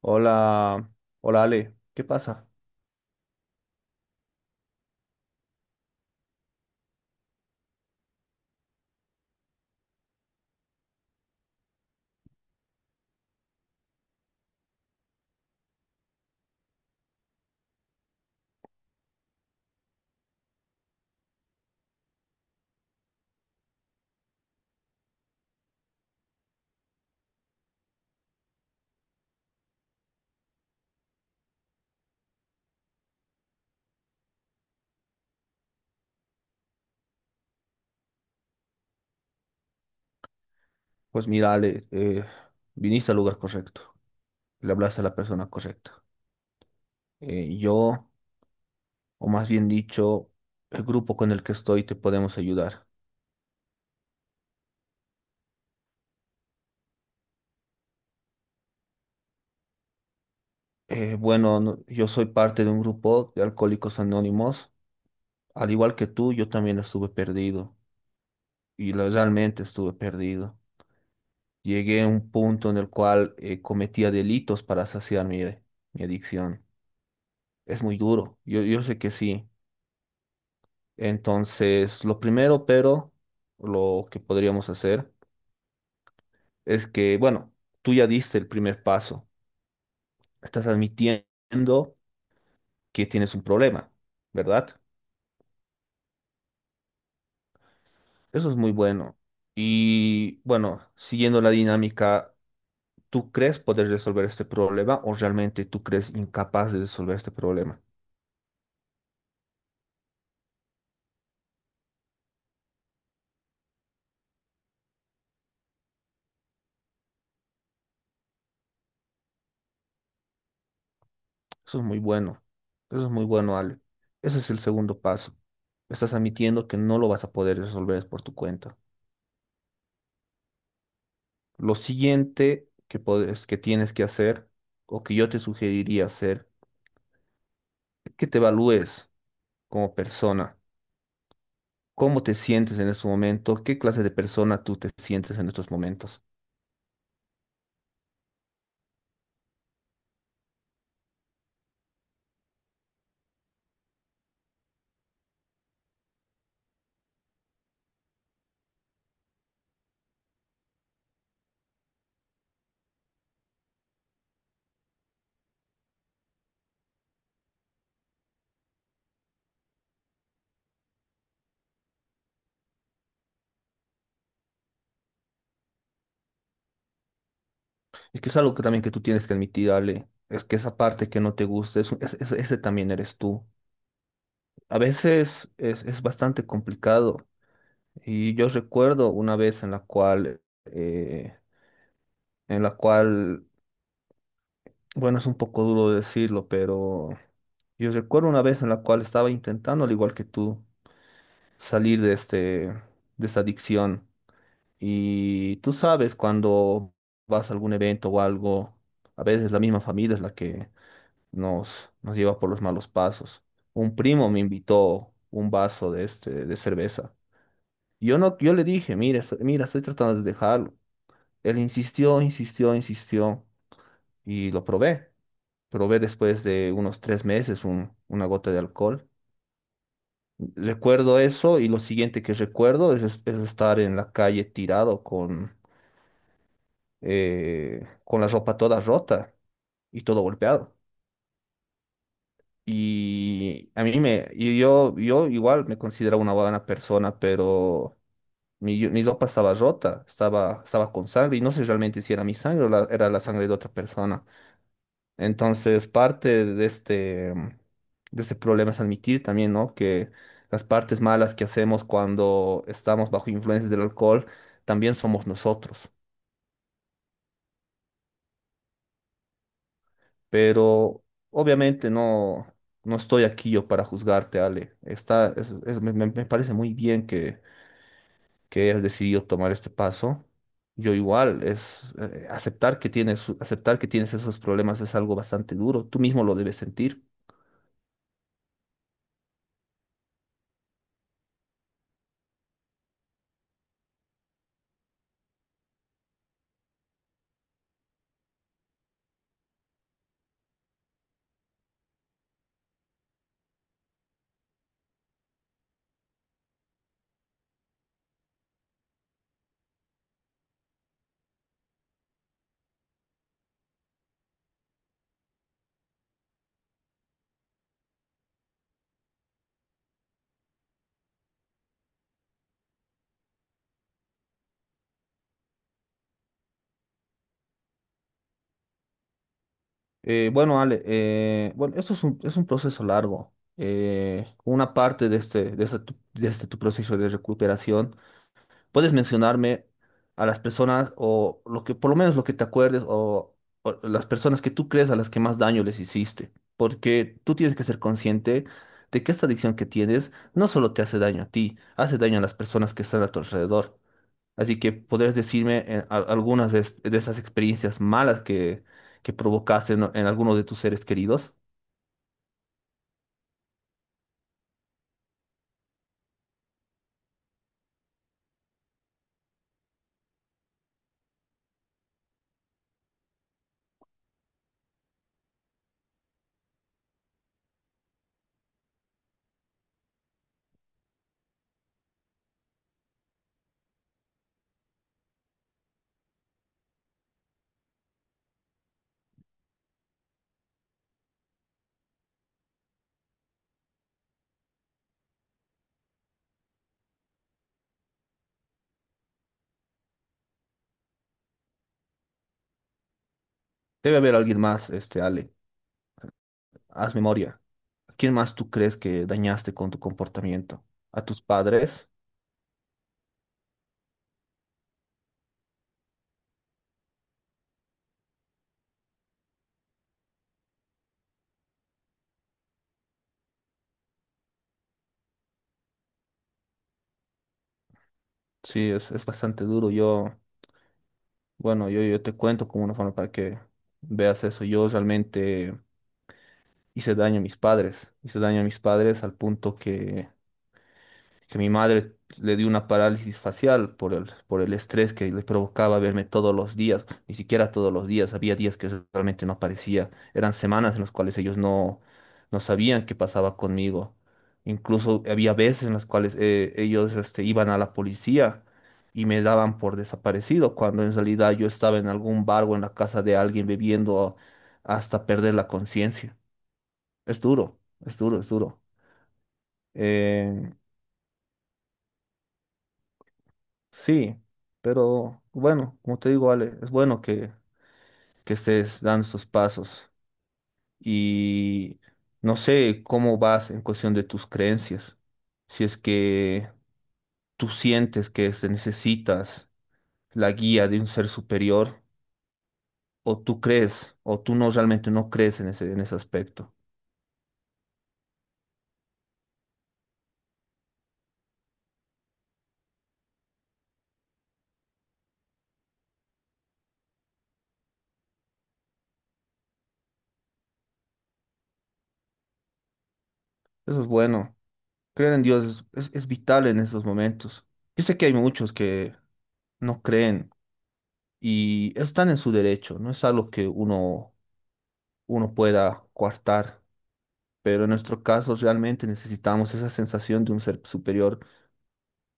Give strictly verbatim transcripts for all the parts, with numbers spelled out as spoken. Hola, hola Ale, ¿qué pasa? Pues mira Ale, eh, viniste al lugar correcto, le hablaste a la persona correcta. Eh, yo, o más bien dicho, el grupo con el que estoy te podemos ayudar. Eh, bueno, no- yo soy parte de un grupo de Alcohólicos Anónimos, al igual que tú, yo también estuve perdido y la- realmente estuve perdido. Llegué a un punto en el cual eh, cometía delitos para saciar mi mi adicción. Es muy duro, yo, yo sé que sí. Entonces, lo primero, pero lo que podríamos hacer es que, bueno, tú ya diste el primer paso. Estás admitiendo que tienes un problema, ¿verdad? Eso es muy bueno. Y bueno, siguiendo la dinámica, ¿tú crees poder resolver este problema o realmente tú crees incapaz de resolver este problema? Eso es muy bueno. Eso es muy bueno, Ale. Ese es el segundo paso. Estás admitiendo que no lo vas a poder resolver por tu cuenta. Lo siguiente que puedes- que tienes que hacer o que yo te sugeriría hacer es que te evalúes como persona, cómo te sientes en este momento, qué clase de persona tú te sientes en estos momentos. Es que es algo que también que tú tienes que admitir, Ale, es que esa parte que no te gusta, es, es- es- ese también eres tú. A veces es, es bastante complicado y yo recuerdo una vez en la cual, eh, en la cual, bueno, es un poco duro decirlo, pero... Yo recuerdo una vez en la cual estaba intentando, al igual que tú, salir de este, de esta adicción. Y tú sabes, cuando vas a algún evento o algo, a veces la misma familia es la que nos, nos lleva por los malos pasos. Un primo me invitó un vaso de este, de cerveza. Yo no, yo le dije, mira, estoy- mira, estoy tratando de dejarlo. Él insistió, insistió, insistió y lo probé. Probé después de unos tres meses un- una gota de alcohol. Recuerdo eso y lo siguiente que recuerdo es, es- es estar en la calle tirado con, eh, con la ropa toda rota y todo golpeado. Y a mí me, y yo, yo igual me considero una buena persona, pero mi, mi ropa estaba rota, estaba, estaba con sangre y no sé realmente si era mi sangre o la- era la sangre de otra persona. Entonces, parte de este, mm, de ese problema es admitir también, ¿no? Que las partes malas que hacemos cuando estamos bajo influencias del alcohol también somos nosotros. Pero obviamente no, no estoy aquí yo para juzgarte, Ale. Está, es- es- me, me- me parece muy bien que, que hayas decidido tomar este paso. Yo igual, es eh, aceptar que tienes, aceptar que tienes esos problemas es algo bastante duro. Tú mismo lo debes sentir. Eh, bueno, Ale, eh, bueno, esto es un, es un proceso largo. Eh, una parte de este, de este, tu, de este tu proceso de recuperación, puedes mencionarme a las personas o lo que, por lo menos lo que te acuerdes o, o las personas que tú crees a las que más daño les hiciste, porque tú tienes que ser consciente de que esta adicción que tienes no solo te hace daño a ti, hace daño a las personas que están a tu alrededor. Así que podrías decirme eh, a- algunas de, es- de esas experiencias malas que, que provocaste en, en alguno de tus seres queridos. Debe haber alguien más, este, Ale. Haz memoria. ¿Quién más tú crees que dañaste con tu comportamiento? ¿A tus padres? Sí, es, es bastante duro. Yo, bueno, yo, yo te cuento como una forma para que veas eso. Yo realmente hice daño a mis padres. Hice daño a mis padres al punto que que mi madre le dio una parálisis facial por el, por el estrés que le provocaba verme todos los días, ni siquiera todos los días, había días que realmente no aparecía, eran semanas en las cuales ellos no, no sabían qué pasaba conmigo, incluso había veces en las cuales eh, ellos este, iban a la policía y me daban por desaparecido, cuando en realidad yo estaba en algún bar o en la casa de alguien bebiendo hasta perder la conciencia. Es duro, es duro, es duro. Eh, Sí, pero bueno, como te digo, Ale, es bueno que, que estés dando esos pasos y no sé cómo vas en cuestión de tus creencias. Si es que tú sientes que te necesitas la guía de un ser superior o tú crees o tú no realmente no crees en ese, en ese aspecto. Eso es bueno. Creer en Dios es, es es vital en esos momentos. Yo sé que hay muchos que no creen y están en su derecho, no es algo que uno uno pueda coartar, pero en nuestro caso realmente necesitamos esa sensación de un ser superior.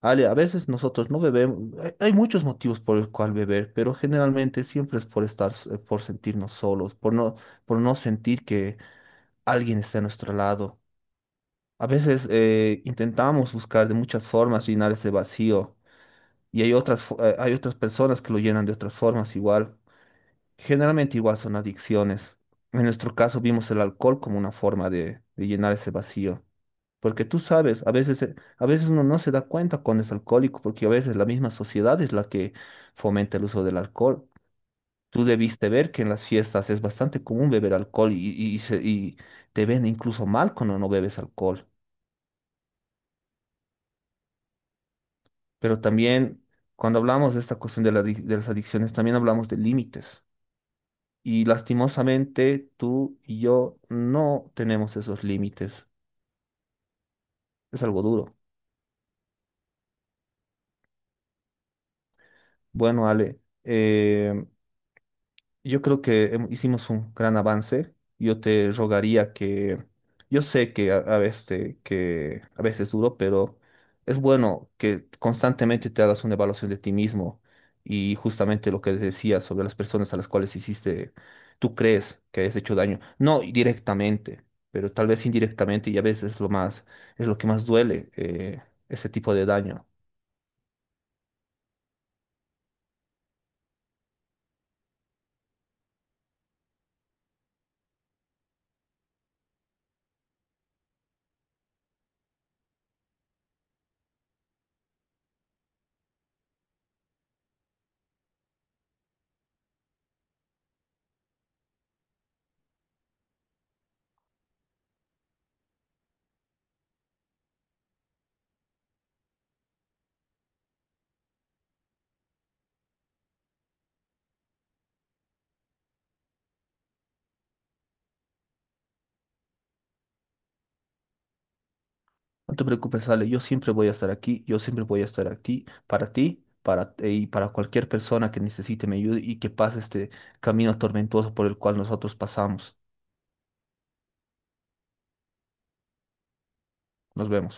Ale, a veces nosotros no bebemos, hay, hay muchos motivos por el cual beber, pero generalmente siempre es por estar, s- eh, por sentirnos solos, por no, por no sentir que alguien está a nuestro lado. A veces eh, intentamos buscar de muchas formas llenar ese vacío y hay otras, fo- eh, hay otras personas que lo llenan de otras formas igual. Generalmente igual son adicciones. En nuestro caso vimos el alcohol como una forma de, de llenar ese vacío. Porque tú sabes, a veces, eh, a veces uno no se da cuenta cuando es alcohólico, porque a veces la misma sociedad es la que fomenta el uso del alcohol. Tú debiste ver que en las fiestas es bastante común beber alcohol y, y- y se- y te ven incluso mal cuando no bebes alcohol. Pero también cuando hablamos de esta cuestión de la adic- de las adicciones, también hablamos de límites. Y lastimosamente tú y yo no tenemos esos límites. Es algo duro. Bueno, Ale, eh, yo creo que hem- hicimos un gran avance. Yo te rogaría que, yo sé que a, a veces te- que a veces es duro, pero es bueno que constantemente te hagas una evaluación de ti mismo y justamente lo que decías sobre las personas a las cuales hiciste, tú crees que has hecho daño, no directamente, pero tal vez indirectamente y a veces es lo más, es lo que más duele, eh, ese tipo de daño. No te preocupes, Ale, yo siempre voy a estar aquí, yo siempre voy a estar aquí para ti, para eh, y para cualquier persona que necesite mi ayuda y que pase este camino tormentoso por el cual nosotros pasamos. Nos vemos.